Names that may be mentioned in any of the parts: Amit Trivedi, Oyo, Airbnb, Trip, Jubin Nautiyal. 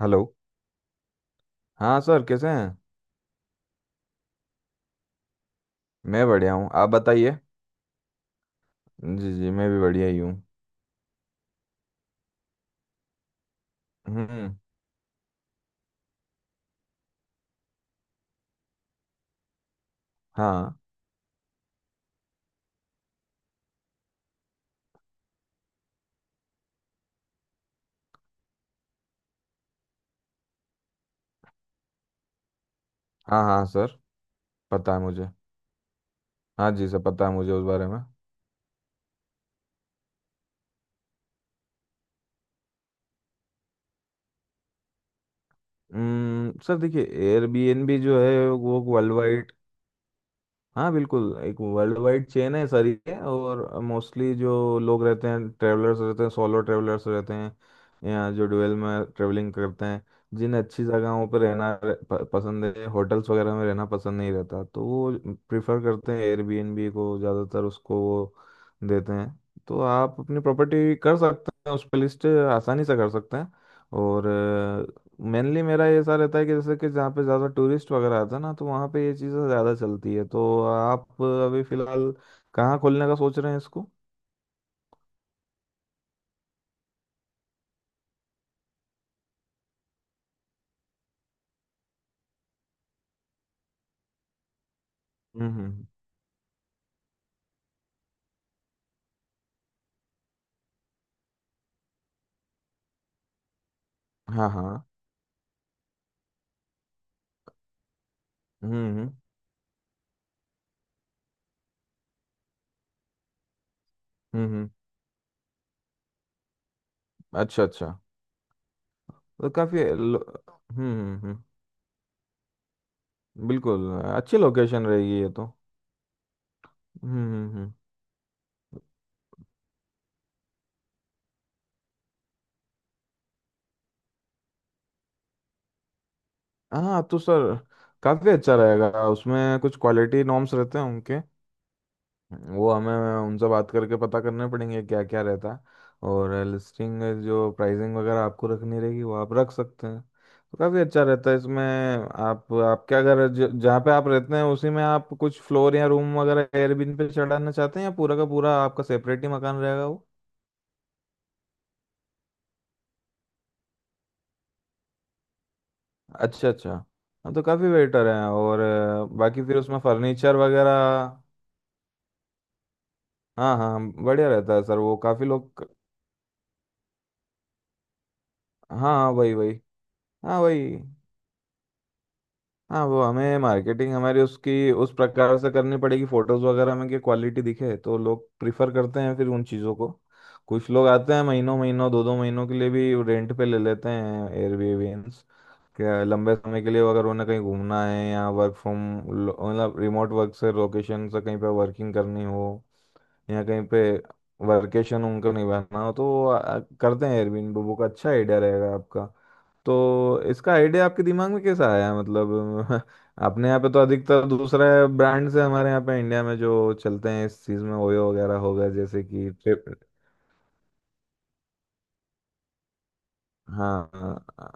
Hello. हाँ sir, कैसे हैं? मैं बढ़िया हूँ, आप बताइए। जी जी, मैं भी बढ़िया ही हूँ। हम्म। हाँ हाँ हाँ सर, पता है मुझे। हाँ जी सर, पता है मुझे उस बारे में। सर देखिए, एयरबीएनबी जो है वो वर्ल्ड वाइड। हाँ बिल्कुल, एक वर्ल्ड वाइड चेन है सारी है, और मोस्टली जो लोग रहते हैं, ट्रेवलर्स रहते हैं, सोलो ट्रेवलर्स रहते हैं, या जो डुअल में ट्रेवलिंग करते हैं, जिन्हें अच्छी जगहों पर रहना पसंद है। होटल्स वगैरह में रहना पसंद नहीं रहता, तो वो प्रिफर करते हैं एयरबीएनबी को, ज़्यादातर उसको वो देते हैं। तो आप अपनी प्रॉपर्टी कर सकते हैं, उस पर लिस्ट आसानी से कर सकते हैं। और मेनली मेरा ये ऐसा रहता है कि जैसे कि जहाँ पे ज़्यादा टूरिस्ट वगैरह आता है ना, तो वहाँ पे ये चीज़ें ज़्यादा चलती है। तो आप अभी फ़िलहाल कहाँ खोलने का सोच रहे हैं इसको? हम्म। हाँ हाँ। हम्म हम्म हम्म। अच्छा अच्छा। तो काफ़ी लो- हम्म। बिल्कुल, अच्छी लोकेशन रहेगी ये तो। हम्म हम्म हम्म। हाँ तो सर काफ़ी अच्छा रहेगा, उसमें कुछ क्वालिटी नॉर्म्स रहते हैं उनके, वो हमें उनसे बात करके पता करने पड़ेंगे क्या क्या रहता है। और लिस्टिंग जो प्राइसिंग वगैरह आपको रखनी रहेगी वो आप रख सकते हैं। तो काफ़ी अच्छा रहता है इसमें। आप आपके अगर जहाँ पे आप रहते हैं उसी में आप कुछ फ्लोर या रूम वगैरह एयरबिन पे चढ़ाना चाहते हैं, या पूरा का पूरा आपका सेपरेट ही मकान रहेगा वो? अच्छा अच्छा। हाँ तो काफ़ी बेटर है। और बाकी फिर उसमें फर्नीचर वगैरह। हाँ हाँ, बढ़िया रहता है सर, वो काफ़ी लोग। हाँ हाँ वही वही। हाँ वही। हाँ, वो हमें मार्केटिंग हमारी उसकी उस प्रकार से करनी पड़ेगी, फोटोज वगैरह में कि क्वालिटी दिखे, तो लोग प्रिफर करते हैं फिर उन चीज़ों को। कुछ लोग आते हैं, महीनों महीनों, दो दो महीनों के लिए भी रेंट पे ले लेते हैं एयरबीएनस। क्या, लंबे समय के लिए अगर उन्हें कहीं घूमना है, या वर्क फ्रॉम मतलब रिमोट वर्क से लोकेशन से कहीं पे वर्किंग करनी हो या कहीं पे वर्केशन उनको निभाना हो, तो वो करते हैं एयरबीएनबी बुक। अच्छा आइडिया रहेगा आपका। तो इसका आइडिया आपके दिमाग में कैसा आया मतलब? अपने यहाँ पे तो अधिकतर दूसरा ब्रांड से हमारे यहाँ पे इंडिया में जो चलते हैं इस चीज़ में, ओयो वगैरह हो गया, जैसे कि ट्रिप। हाँ हाँ।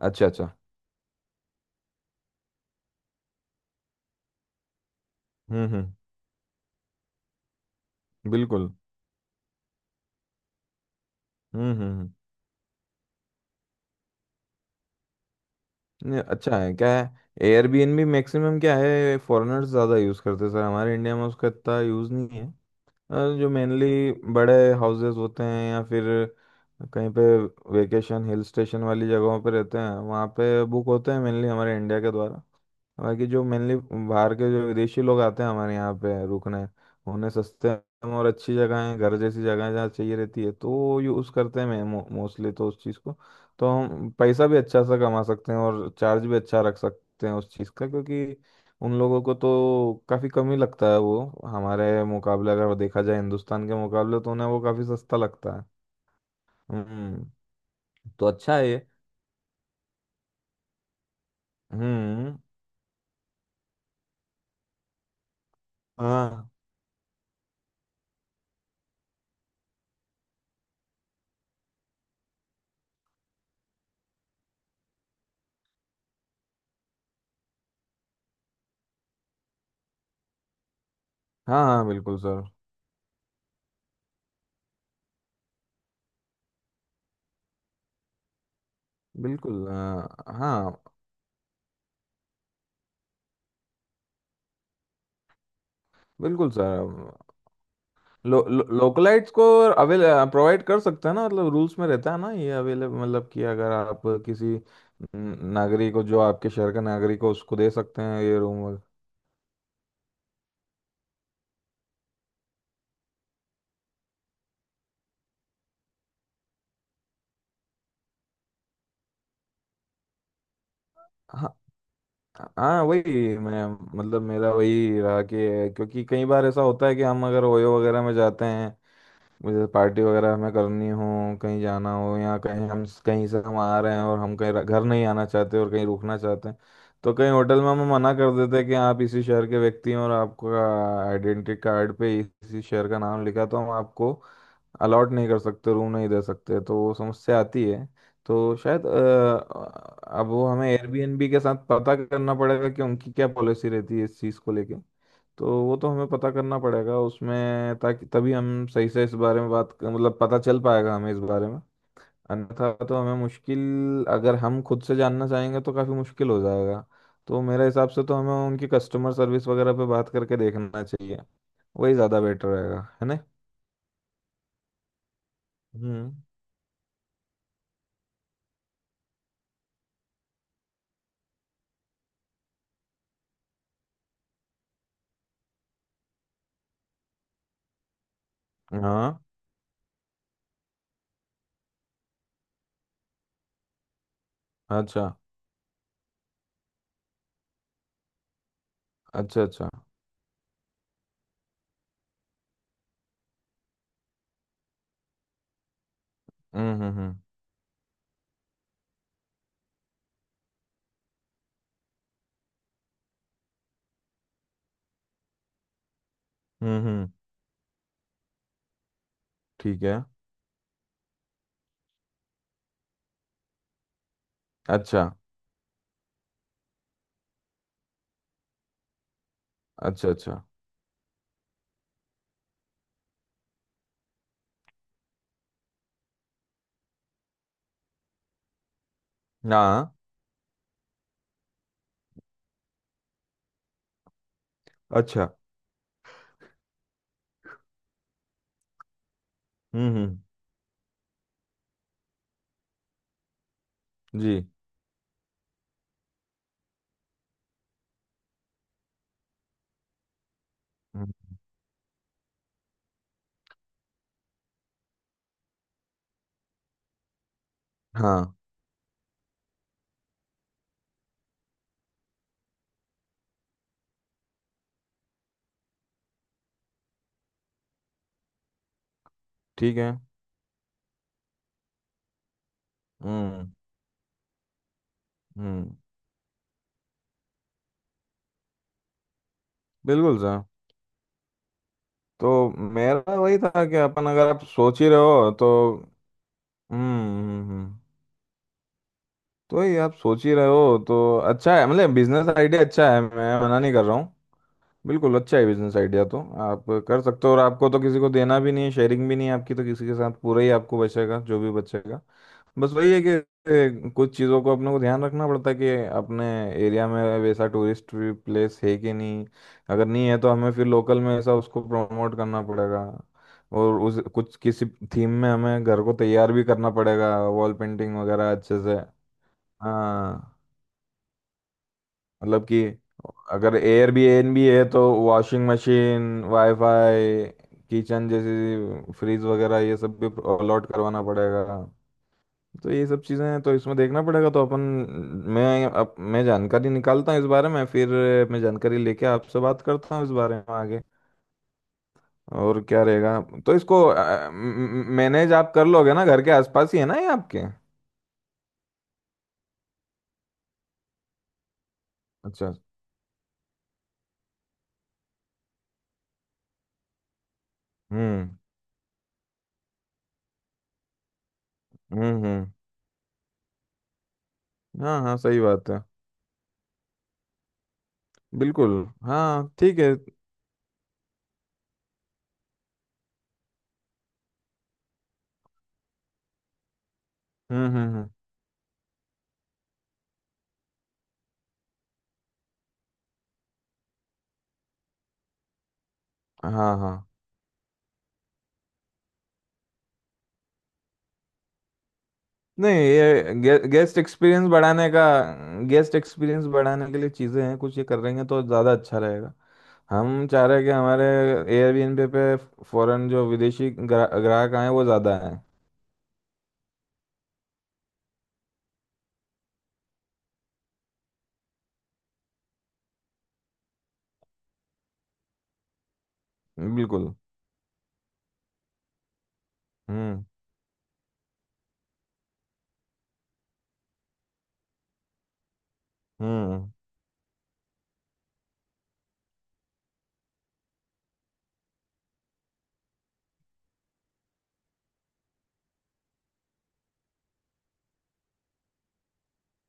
अच्छा अच्छा। हम्म। बिल्कुल। हम्म हम्म हम्म। नहीं, अच्छा है, क्या है, एयरबीएनबी मैक्सिमम क्या है, फॉरेनर्स ज़्यादा यूज़ करते हैं सर, हमारे इंडिया में उसका इतना यूज़ नहीं है। जो मेनली बड़े हाउसेस होते हैं, या फिर कहीं पे वेकेशन हिल स्टेशन वाली जगहों पे रहते हैं, वहाँ पे बुक होते हैं मेनली हमारे इंडिया के द्वारा। बाकी जो मेनली बाहर के जो विदेशी लोग आते हैं हमारे यहाँ पे रुकने, उन्हें सस्ते में और अच्छी जगह है, घर जैसी जगह है, जहाँ चाहिए रहती है, तो वो यूज़ करते हैं मोस्टली तो उस चीज़ को। तो हम पैसा भी अच्छा सा कमा सकते हैं और चार्ज भी अच्छा रख सकते हैं उस चीज़ का, क्योंकि उन लोगों को तो काफ़ी कम ही लगता है, वो हमारे मुकाबले अगर देखा जाए, हिंदुस्तान के मुकाबले तो उन्हें वो काफ़ी सस्ता लगता है। हम्म। तो अच्छा है ये। हम्म। हाँ हाँ हाँ, बिल्कुल सर। बिल्कुल हाँ। बिल्कुल सर। लो, लो, लोकलाइट्स को अवेल, प्रोवाइड कर सकते हैं ना, मतलब रूल्स में रहता है ना ये, अवेलेबल मतलब कि अगर आप किसी नागरिक को, जो आपके शहर का नागरिक हो, उसको दे सकते हैं ये रूम। हाँ हाँ वही मैं, मतलब मेरा वही रहा कि क्योंकि कई बार ऐसा होता है कि हम अगर ओयो वगैरह में जाते हैं, मुझे पार्टी वगैरह हमें करनी हो, कहीं जाना हो, या कहीं हम कहीं से हम आ रहे हैं और हम कहीं घर नहीं आना चाहते और कहीं रुकना चाहते हैं, तो कहीं होटल में हम मना कर देते हैं कि आप इसी शहर के व्यक्ति हैं और आपका आइडेंटिटी कार्ड पे इसी शहर का नाम लिखा है, तो हम आपको अलॉट नहीं कर सकते, रूम नहीं दे सकते, तो वो समस्या आती है। तो शायद अब वो हमें एयरबीएनबी के साथ पता करना पड़ेगा कि उनकी क्या पॉलिसी रहती है इस चीज़ को लेके। तो वो तो हमें पता करना पड़ेगा उसमें, ताकि तभी हम सही से इस बारे में मतलब पता चल पाएगा हमें इस बारे में। अन्यथा तो हमें मुश्किल, अगर हम खुद से जानना चाहेंगे तो काफ़ी मुश्किल हो जाएगा। तो मेरे हिसाब से तो हमें उनकी कस्टमर सर्विस वगैरह पे बात करके देखना चाहिए, वही ज़्यादा बेटर रहेगा है ना। हम्म। हाँ। अच्छा अच्छा अच्छा। हम्म हम्म हम्म हम्म। ठीक है। अच्छा अच्छा अच्छा। हाँ। अच्छा। हम्म। जी। हम्म। हाँ ठीक है। हम्म हम्म। बिल्कुल सर। तो मेरा वही था कि अपन, अगर आप सोच ही रहे हो तो। हम्म। हम्म। हम्म। तो ये आप सोच ही रहे हो तो अच्छा है, मतलब बिजनेस आइडिया अच्छा है, मैं मना नहीं कर रहा हूँ। बिल्कुल अच्छा है बिजनेस आइडिया, तो आप कर सकते हो, और आपको तो किसी को देना भी नहीं है, शेयरिंग भी नहीं है आपकी तो किसी के साथ, पूरा ही आपको बचेगा जो भी बचेगा। बस वही है कि कुछ चीज़ों को अपने को ध्यान रखना पड़ता है कि अपने एरिया में वैसा टूरिस्ट प्लेस है कि नहीं, अगर नहीं है तो हमें फिर लोकल में ऐसा उसको प्रमोट करना पड़ेगा। और उस कुछ किसी थीम में हमें घर को तैयार भी करना पड़ेगा, वॉल पेंटिंग वगैरह अच्छे से। हाँ, मतलब कि अगर एयरबीएनबी है तो वॉशिंग मशीन, वाईफाई, किचन जैसी फ्रीज वगैरह ये सब भी अलॉट करवाना पड़ेगा। तो ये सब चीज़ें हैं, तो इसमें देखना पड़ेगा, तो अपन, मैं जानकारी निकालता हूँ इस बारे में फिर। मैं जानकारी लेके आपसे बात करता हूँ इस बारे में आगे। और क्या रहेगा? तो इसको मैनेज आप कर लोगे ना, घर के आसपास ही है ना ये आपके? अच्छा। हम्म हम्म। हाँ हाँ सही बात है। बिल्कुल। हाँ ठीक है। हम्म। हाँ हाँ। नहीं, ये गेस्ट एक्सपीरियंस बढ़ाने का, गेस्ट एक्सपीरियंस बढ़ाने के लिए चीज़ें हैं, कुछ ये कर रहेंगे तो ज़्यादा अच्छा रहेगा। हम चाह रहे हैं कि हमारे एयरबीएनबी पे फॉरेन जो विदेशी ग्राहक आए वो ज़्यादा हैं। बिल्कुल। हम्म हम्म।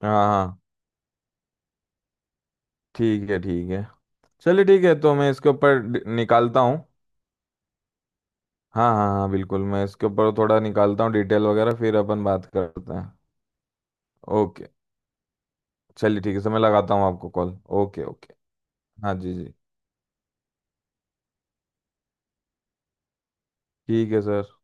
हाँ हाँ, ठीक है ठीक है। चलिए ठीक है, तो मैं इसके ऊपर निकालता हूँ। हाँ हाँ हाँ बिल्कुल, मैं इसके ऊपर थोड़ा निकालता हूँ डिटेल वगैरह, फिर अपन बात करते हैं। ओके। चलिए ठीक है, समय लगाता हूँ आपको कॉल। Okay okay. हाँ जी जी। ठीक है सर।